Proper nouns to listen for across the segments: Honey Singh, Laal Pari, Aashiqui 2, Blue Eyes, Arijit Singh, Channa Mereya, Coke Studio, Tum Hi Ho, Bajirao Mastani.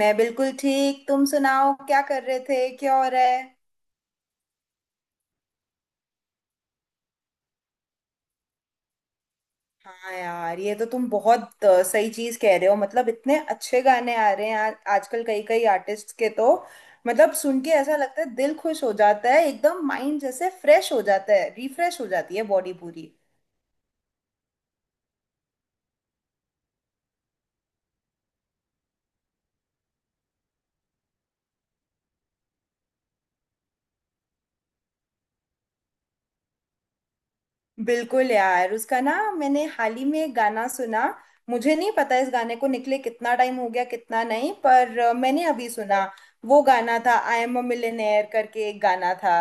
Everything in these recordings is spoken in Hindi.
मैं बिल्कुल ठीक। तुम सुनाओ क्या कर रहे थे, क्या हो रहा है। हाँ यार, ये तो तुम बहुत सही चीज कह रहे हो। मतलब इतने अच्छे गाने आ रहे हैं यार आजकल, कई कई आर्टिस्ट के तो मतलब सुन के ऐसा लगता है दिल खुश हो जाता है, एकदम माइंड जैसे फ्रेश हो जाता है, रिफ्रेश हो जाती है बॉडी पूरी। बिल्कुल यार, उसका ना मैंने हाल ही में एक गाना सुना। मुझे नहीं पता इस गाने को निकले कितना टाइम हो गया, कितना नहीं, पर मैंने अभी सुना। वो गाना था आई एम अ मिलियनेयर करके, एक गाना था।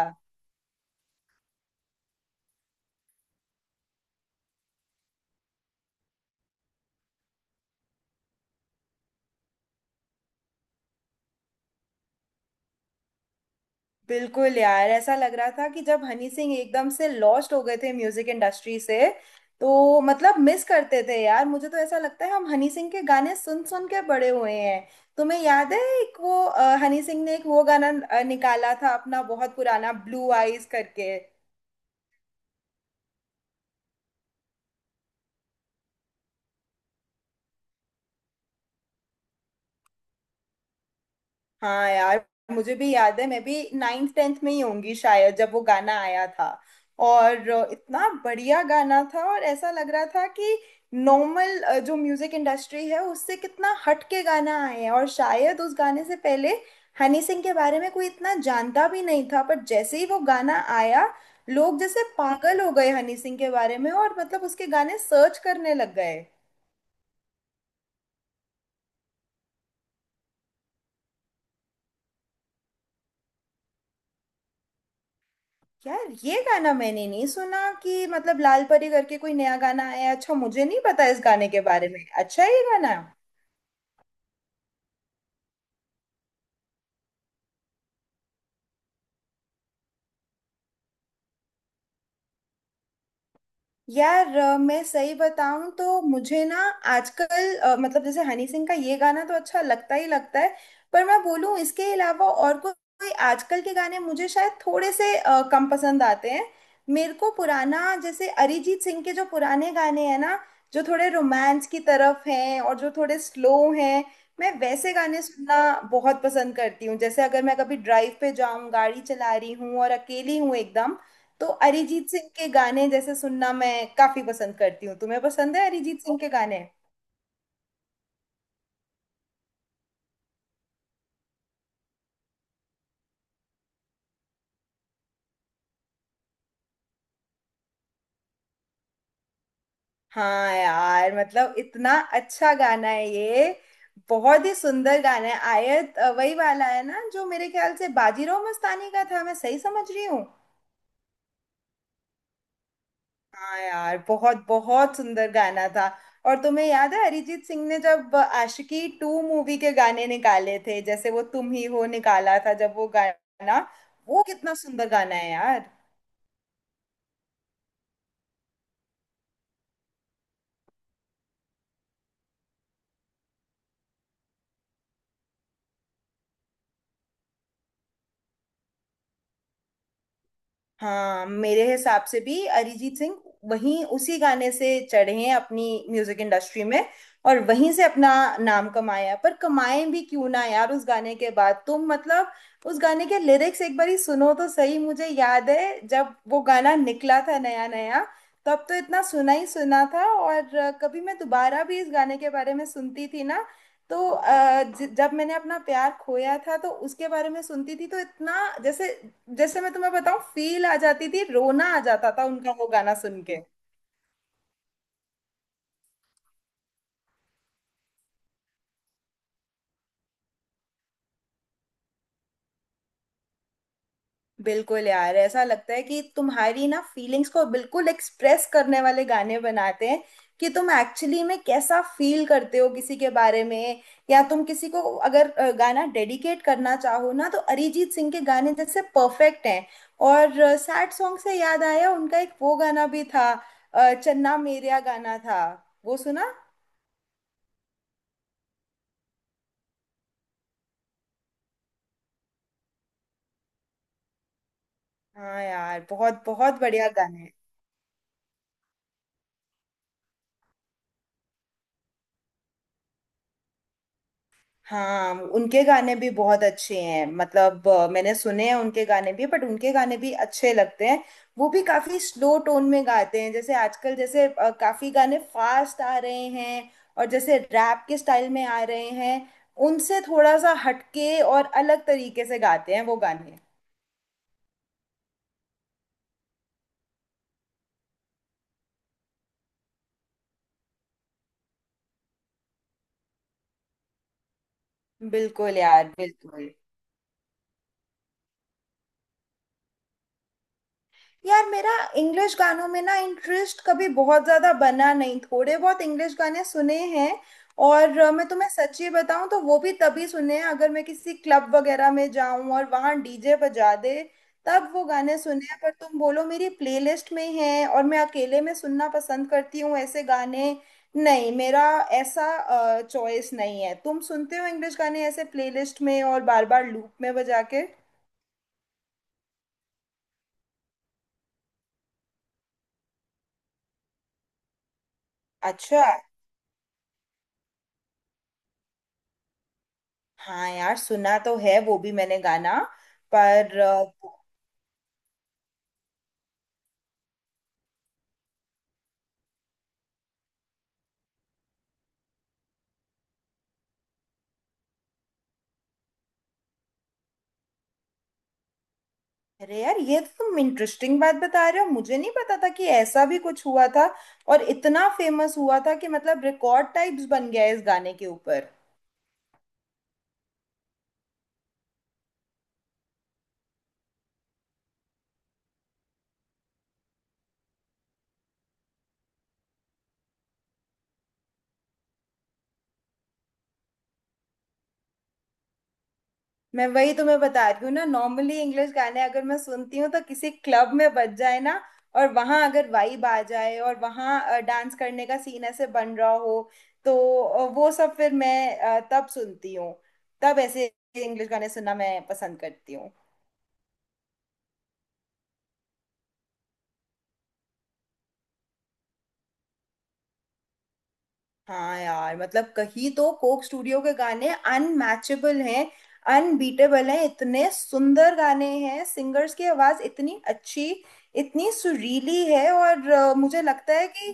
बिल्कुल यार, ऐसा लग रहा था कि जब हनी सिंह एकदम से लॉस्ट हो गए थे म्यूजिक इंडस्ट्री से, तो मतलब मिस करते थे यार। मुझे तो ऐसा लगता है हम हनी सिंह के गाने सुन सुन के बड़े हुए हैं। तुम्हें याद है एक वो हनी सिंह ने एक वो गाना निकाला था अपना बहुत पुराना, ब्लू आईज करके। हाँ यार, मुझे भी याद है, मैं भी नाइन्थ टेंथ में ही होंगी शायद जब वो गाना आया था। और इतना बढ़िया गाना था और ऐसा लग रहा था कि नॉर्मल जो म्यूजिक इंडस्ट्री है उससे कितना हट के गाना आए हैं। और शायद उस गाने से पहले हनी सिंह के बारे में कोई इतना जानता भी नहीं था, पर जैसे ही वो गाना आया, लोग जैसे पागल हो गए हनी सिंह के बारे में, और मतलब उसके गाने सर्च करने लग गए। यार ये गाना मैंने नहीं सुना कि मतलब लाल परी करके कोई नया गाना आया है। अच्छा, मुझे नहीं पता इस गाने के बारे में, अच्छा है ये गाना है? यार मैं सही बताऊं तो मुझे ना आजकल मतलब जैसे हनी सिंह का ये गाना तो अच्छा लगता ही लगता है, पर मैं बोलूं इसके अलावा और कोई आजकल के गाने मुझे शायद थोड़े से कम पसंद आते हैं। मेरे को पुराना जैसे अरिजीत सिंह के जो पुराने गाने हैं ना, जो थोड़े रोमांस की तरफ हैं और जो थोड़े स्लो हैं, मैं वैसे गाने सुनना बहुत पसंद करती हूँ। जैसे अगर मैं कभी ड्राइव पे जाऊं, गाड़ी चला रही हूँ और अकेली हूँ एकदम, तो अरिजीत सिंह के गाने जैसे सुनना मैं काफी पसंद करती हूँ। तुम्हें पसंद है अरिजीत सिंह के गाने? हाँ यार, मतलब इतना अच्छा गाना है ये, बहुत ही सुंदर गाना है आयत। वही वाला है ना जो मेरे ख्याल से बाजीराव मस्तानी का था, मैं सही समझ रही हूँ? हाँ यार, बहुत बहुत सुंदर गाना था। और तुम्हें याद है अरिजीत सिंह ने जब आशिकी टू मूवी के गाने निकाले थे, जैसे वो तुम ही हो निकाला था जब वो गाना, वो कितना सुंदर गाना है यार। हाँ, मेरे हिसाब से भी अरिजीत सिंह वहीं उसी गाने से चढ़े हैं अपनी म्यूजिक इंडस्ट्री में और वहीं से अपना नाम कमाया है। पर कमाए भी क्यों ना यार, उस गाने के बाद तुम मतलब उस गाने के लिरिक्स एक बारी सुनो तो सही। मुझे याद है जब वो गाना निकला था नया नया, तब तो इतना सुना ही सुना था। और कभी मैं दोबारा भी इस गाने के बारे में सुनती थी ना, तो जब मैंने अपना प्यार खोया था तो उसके बारे में सुनती थी, तो इतना जैसे, जैसे मैं तुम्हें बताऊं, फील आ जाती थी, रोना आ जाता था उनका वो गाना सुन के। बिल्कुल यार, ऐसा लगता है कि तुम्हारी ना फीलिंग्स को बिल्कुल एक्सप्रेस करने वाले गाने बनाते हैं, कि तुम एक्चुअली में कैसा फील करते हो किसी के बारे में, या तुम किसी को अगर गाना डेडिकेट करना चाहो ना, तो अरिजीत सिंह के गाने जैसे परफेक्ट हैं। और सैड सॉन्ग से याद आया, उनका एक वो गाना भी था, चन्ना मेरेया गाना था, वो सुना? हाँ यार, बहुत बहुत बढ़िया गाने हैं। हाँ, उनके गाने भी बहुत अच्छे हैं, मतलब मैंने सुने हैं उनके गाने भी, बट उनके गाने भी अच्छे लगते हैं। वो भी काफी स्लो टोन में गाते हैं। जैसे आजकल जैसे काफी गाने फास्ट आ रहे हैं और जैसे रैप के स्टाइल में आ रहे हैं, उनसे थोड़ा सा हटके और अलग तरीके से गाते हैं वो गाने। बिल्कुल यार, बिल्कुल। यार मेरा इंग्लिश गानों में ना इंटरेस्ट कभी बहुत ज्यादा बना नहीं, थोड़े बहुत इंग्लिश गाने सुने हैं। और मैं तुम्हें सच्ची बताऊं तो वो भी तभी सुने हैं अगर मैं किसी क्लब वगैरह में जाऊं और वहां डीजे बजा दे, तब वो गाने सुने हैं। पर तुम बोलो मेरी प्लेलिस्ट में है और मैं अकेले में सुनना पसंद करती हूँ ऐसे गाने, नहीं, मेरा ऐसा चॉइस नहीं है। तुम सुनते हो इंग्लिश गाने ऐसे प्लेलिस्ट में और बार बार लूप में बजा के? अच्छा। हाँ यार, सुना तो है वो भी मैंने गाना। पर अरे यार, ये तो तुम इंटरेस्टिंग बात बता रहे हो, मुझे नहीं पता था कि ऐसा भी कुछ हुआ था और इतना फेमस हुआ था कि मतलब रिकॉर्ड टाइप्स बन गया है इस गाने के ऊपर। मैं वही तुम्हें बता रही हूँ ना, नॉर्मली इंग्लिश गाने अगर मैं सुनती हूँ तो किसी क्लब में बज जाए ना, और वहां अगर वाइब आ जाए और वहां डांस करने का सीन ऐसे बन रहा हो, तो वो सब फिर मैं तब सुनती हूँ। तब ऐसे इंग्लिश गाने सुनना मैं पसंद करती हूँ। हाँ यार, मतलब कहीं तो कोक स्टूडियो के गाने अनमैचेबल हैं, अनबीटेबल हैं। इतने सुंदर गाने हैं, सिंगर्स की आवाज इतनी अच्छी, इतनी सुरीली है। और मुझे लगता है कि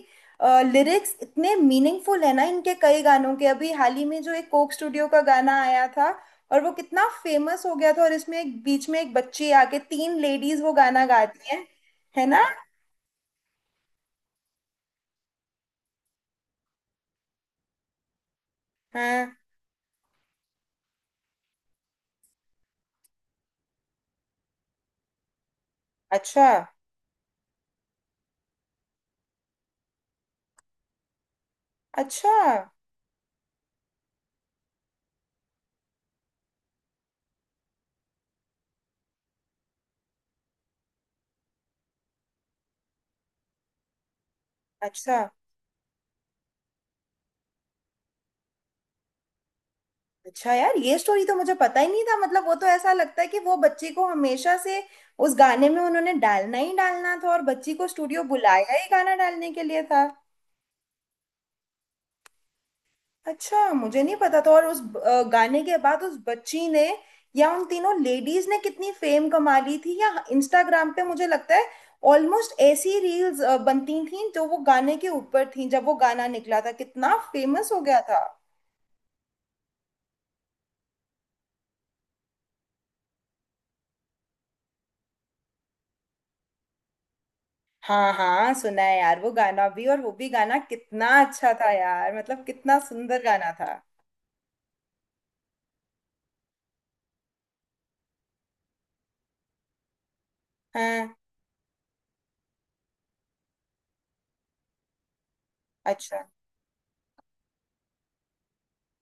लिरिक्स इतने मीनिंगफुल है ना इनके कई गानों के। अभी हाल ही में जो एक कोक स्टूडियो का गाना आया था, और वो कितना फेमस हो गया था, और इसमें एक बीच में एक बच्ची आके तीन लेडीज वो गाना गाती हैं, है ना? हाँ। अच्छा, अच्छा, अच्छा। अच्छा यार, ये स्टोरी तो मुझे पता ही नहीं था। मतलब वो तो ऐसा लगता है कि वो बच्ची को हमेशा से उस गाने में उन्होंने डालना ही डालना था, और बच्ची को स्टूडियो बुलाया ही गाना डालने के लिए था। अच्छा, मुझे नहीं पता था। और उस गाने के बाद उस बच्ची ने या उन तीनों लेडीज ने कितनी फेम कमा ली थी। या इंस्टाग्राम पे मुझे लगता है ऑलमोस्ट ऐसी रील्स बनती थी जो वो गाने के ऊपर थी, जब वो गाना निकला था कितना फेमस हो गया था। हाँ हाँ, सुना है यार वो गाना भी, और वो भी गाना कितना अच्छा था यार, मतलब कितना सुंदर गाना था। हाँ। अच्छा,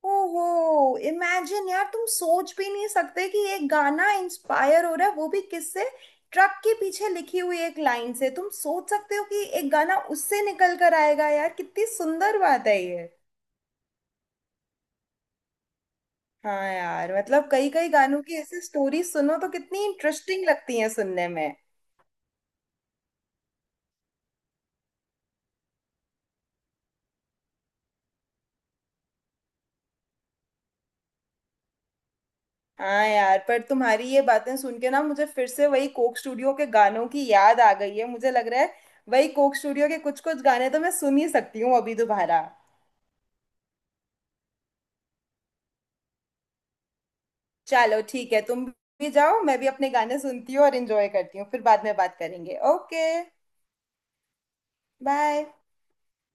ओहो, इमेजिन यार, तुम सोच भी नहीं सकते कि एक गाना इंस्पायर हो रहा है, वो भी किससे, ट्रक के पीछे लिखी हुई एक लाइन से। तुम सोच सकते हो कि एक गाना उससे निकल कर आएगा? यार कितनी सुंदर बात है ये। हाँ यार, मतलब कई कई गानों की ऐसी स्टोरी सुनो तो कितनी इंटरेस्टिंग लगती है सुनने में। हाँ यार, पर तुम्हारी ये बातें सुन के ना मुझे फिर से वही कोक स्टूडियो के गानों की याद आ गई है। मुझे लग रहा है वही कोक स्टूडियो के कुछ कुछ गाने तो मैं सुन ही सकती हूँ अभी दोबारा। चलो ठीक है, तुम भी जाओ, मैं भी अपने गाने सुनती हूँ और इंजॉय करती हूँ, फिर बाद में बात करेंगे। Okay, bye.